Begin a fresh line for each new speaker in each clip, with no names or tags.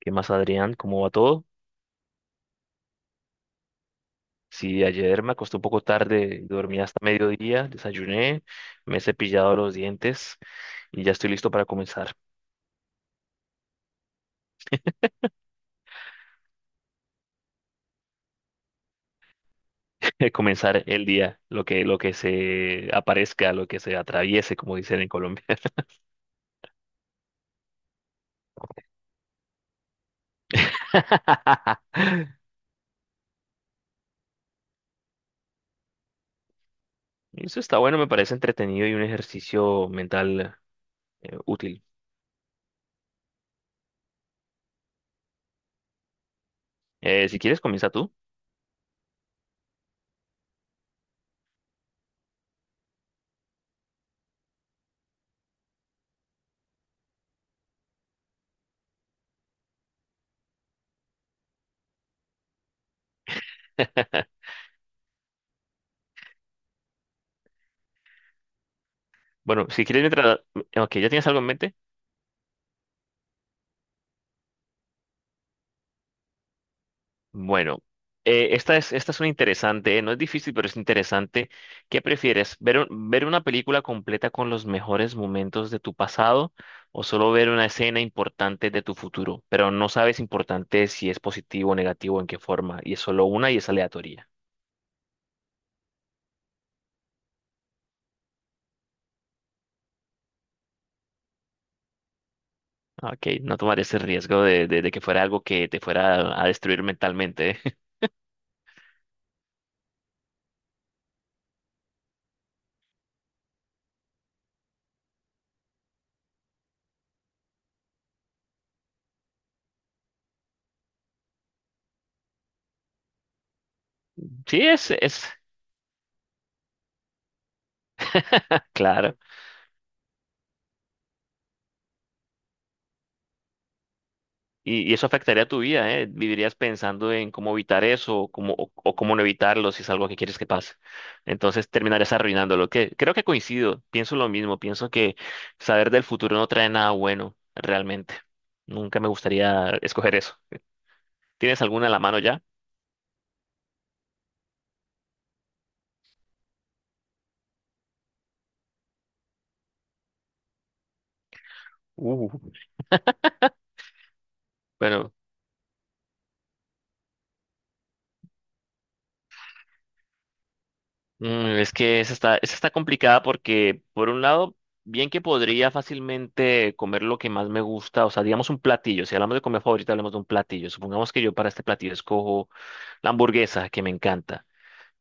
¿Qué más, Adrián? ¿Cómo va todo? Sí, ayer me acosté un poco tarde, dormí hasta mediodía, desayuné, me he cepillado los dientes y ya estoy listo para comenzar, comenzar el día, lo que se aparezca, lo que se atraviese, como dicen en Colombia. Eso está bueno, me parece entretenido y un ejercicio mental útil. Si quieres, comienza tú. Bueno, si quieres, mientras. Ok, ¿ya tienes algo en mente? Bueno, esta es una interesante, ¿eh? No es difícil, pero es interesante. ¿Qué prefieres? ¿Ver, ver una película completa con los mejores momentos de tu pasado o solo ver una escena importante de tu futuro? Pero no sabes importante si es positivo o negativo, en qué forma, y es solo una y es aleatoria. Ah, ok, no tomar ese riesgo de, de que fuera algo que te fuera a destruir mentalmente, ¿eh? Sí, es claro. Y eso afectaría tu vida, ¿eh? Vivirías pensando en cómo evitar eso o cómo, o cómo no evitarlo si es algo que quieres que pase. Entonces terminarías arruinándolo. Que creo que coincido, pienso lo mismo, pienso que saber del futuro no trae nada bueno, realmente. Nunca me gustaría escoger eso. ¿Tienes alguna en la mano ya? Uh, Bueno, es que esa está complicada porque, por un lado, bien que podría fácilmente comer lo que más me gusta, o sea, digamos un platillo, si hablamos de comida favorita, hablamos de un platillo. Supongamos que yo para este platillo escojo la hamburguesa, que me encanta.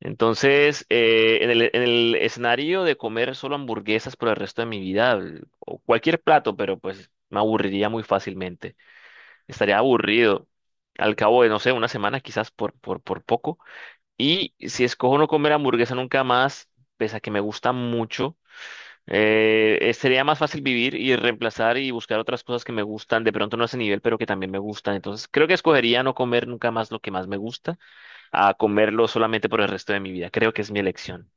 Entonces, en el escenario de comer solo hamburguesas por el resto de mi vida, o cualquier plato, pero pues me aburriría muy fácilmente. Estaría aburrido al cabo de, no sé, una semana quizás por poco. Y si escojo no comer hamburguesa nunca más, pese a que me gusta mucho, sería más fácil vivir y reemplazar y buscar otras cosas que me gustan, de pronto no a ese nivel, pero que también me gustan. Entonces, creo que escogería no comer nunca más lo que más me gusta a comerlo solamente por el resto de mi vida. Creo que es mi elección.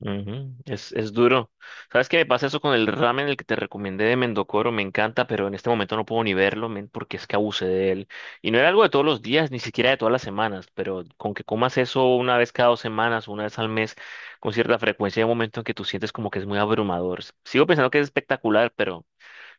Ujú. Es duro. ¿Sabes qué me pasa eso con el ramen, el que te recomendé de Mendocoro? Me encanta, pero en este momento no puedo ni verlo, men, porque es que abusé de él. Y no era algo de todos los días, ni siquiera de todas las semanas, pero con que comas eso una vez cada 2 semanas, una vez al mes, con cierta frecuencia, hay un momento en que tú sientes como que es muy abrumador. Sigo pensando que es espectacular, pero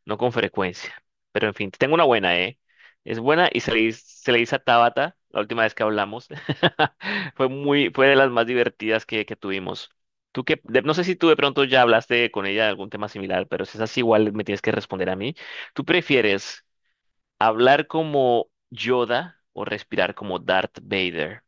no con frecuencia. Pero en fin, te tengo una buena, ¿eh? Es buena y se le, se le dice a Tabata la última vez que hablamos. Fue muy, fue de las más divertidas que tuvimos. Tú que, no sé si tú de pronto ya hablaste con ella de algún tema similar, pero si es así, igual me tienes que responder a mí. ¿Tú prefieres hablar como Yoda o respirar como Darth Vader?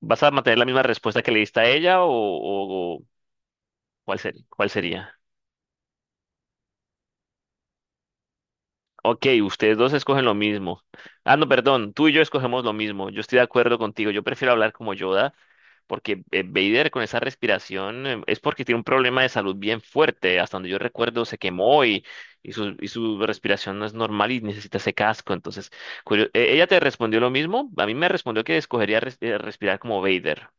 ¿Vas a mantener la misma respuesta que le diste a ella o cuál sería? ¿Cuál sería? Ok, ustedes dos escogen lo mismo. Ah, no, perdón, tú y yo escogemos lo mismo. Yo estoy de acuerdo contigo. Yo prefiero hablar como Yoda porque Vader con esa respiración es porque tiene un problema de salud bien fuerte. Hasta donde yo recuerdo se quemó y, y su respiración no es normal y necesita ese casco. Entonces, ella te respondió lo mismo. A mí me respondió que escogería respirar como Vader.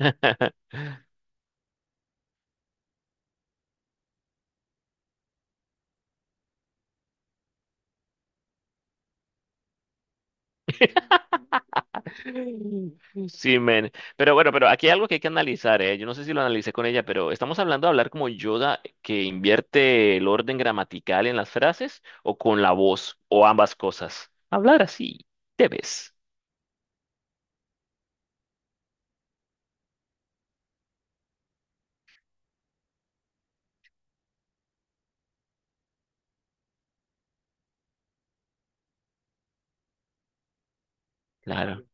Sí, men. Pero bueno, pero aquí hay algo que hay que analizar, ¿eh? Yo no sé si lo analicé con ella, pero ¿estamos hablando de hablar como Yoda, que invierte el orden gramatical en las frases, o con la voz, o ambas cosas? Hablar así, debes. Claro.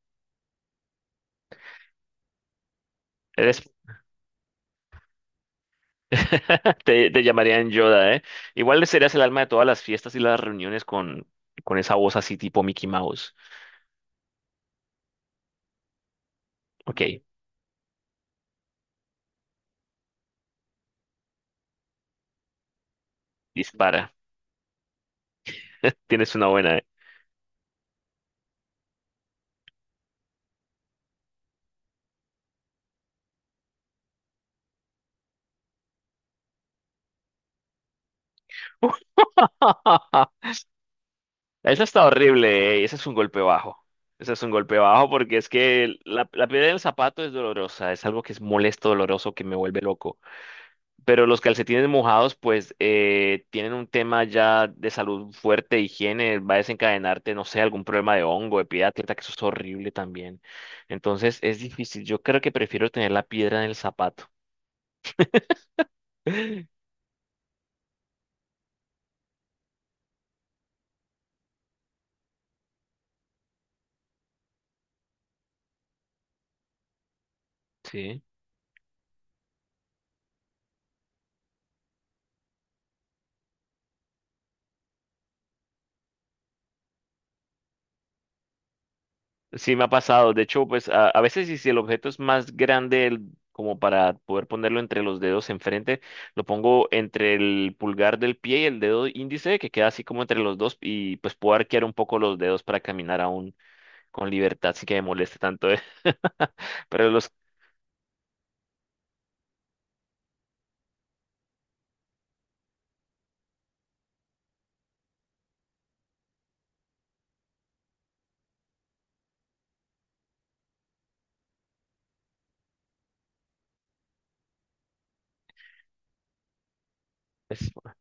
Eres. Te llamarían Yoda, ¿eh? Igual le serías el alma de todas las fiestas y las reuniones con esa voz así tipo Mickey Mouse. Ok, dispara. Tienes una buena, ¿eh? Eso está horrible, ese es un golpe bajo. Ese es un golpe bajo porque es que la piedra del zapato es dolorosa, es algo que es molesto, doloroso, que me vuelve loco. Pero los calcetines mojados, pues, tienen un tema ya de salud fuerte, higiene, va a desencadenarte, no sé, algún problema de hongo, de piedra, atleta, que eso es horrible también. Entonces es difícil. Yo creo que prefiero tener la piedra en el zapato. Sí. Sí, me ha pasado. De hecho, pues a veces y si el objeto es más grande, como para poder ponerlo entre los dedos enfrente, lo pongo entre el pulgar del pie y el dedo índice, que queda así como entre los dos, y pues puedo arquear un poco los dedos para caminar aún con libertad sin que me moleste tanto. ¿Eh? Pero los. Pues,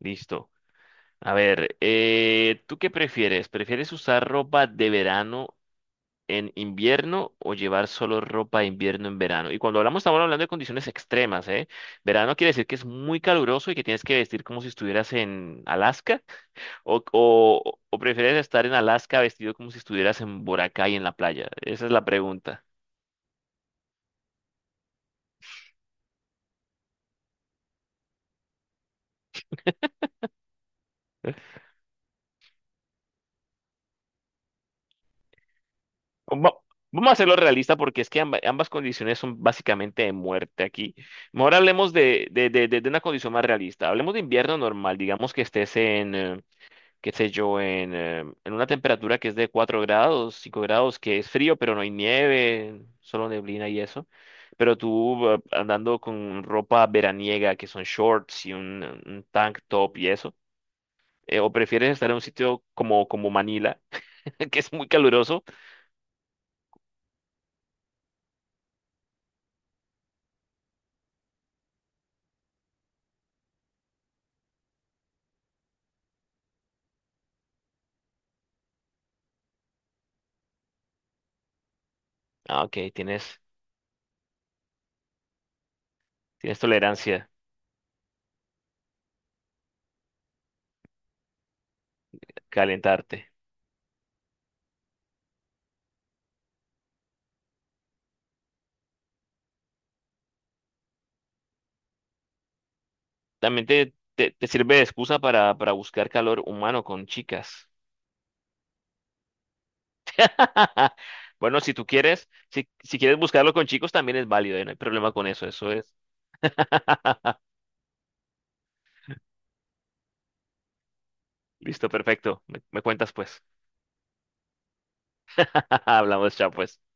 listo. A ver, ¿tú qué prefieres? ¿Prefieres usar ropa de verano en invierno o llevar solo ropa de invierno en verano? Y cuando hablamos, estamos hablando de condiciones extremas, ¿eh? Verano quiere decir que es muy caluroso y que tienes que vestir como si estuvieras en Alaska, o, o prefieres estar en Alaska vestido como si estuvieras en Boracay en la playa. Esa es la pregunta. Va- Vamos a hacerlo realista porque es que ambas condiciones son básicamente de muerte aquí. Mejor hablemos de, de una condición más realista. Hablemos de invierno normal, digamos que estés en, qué sé yo, en, en una temperatura que es de 4 grados, 5 grados, que es frío, pero no hay nieve, solo neblina y eso. Pero tú andando con ropa veraniega, que son shorts y un tank top y eso. ¿O prefieres estar en un sitio como, como Manila que es muy caluroso? Ah, ok, tienes tolerancia a calentarte. También te, te sirve de excusa para buscar calor humano con chicas. Bueno, si tú quieres, si, si quieres buscarlo con chicos, también es válido, ¿eh? No hay problema con eso, eso es. Listo, perfecto. Me cuentas pues. Hablamos, chao pues.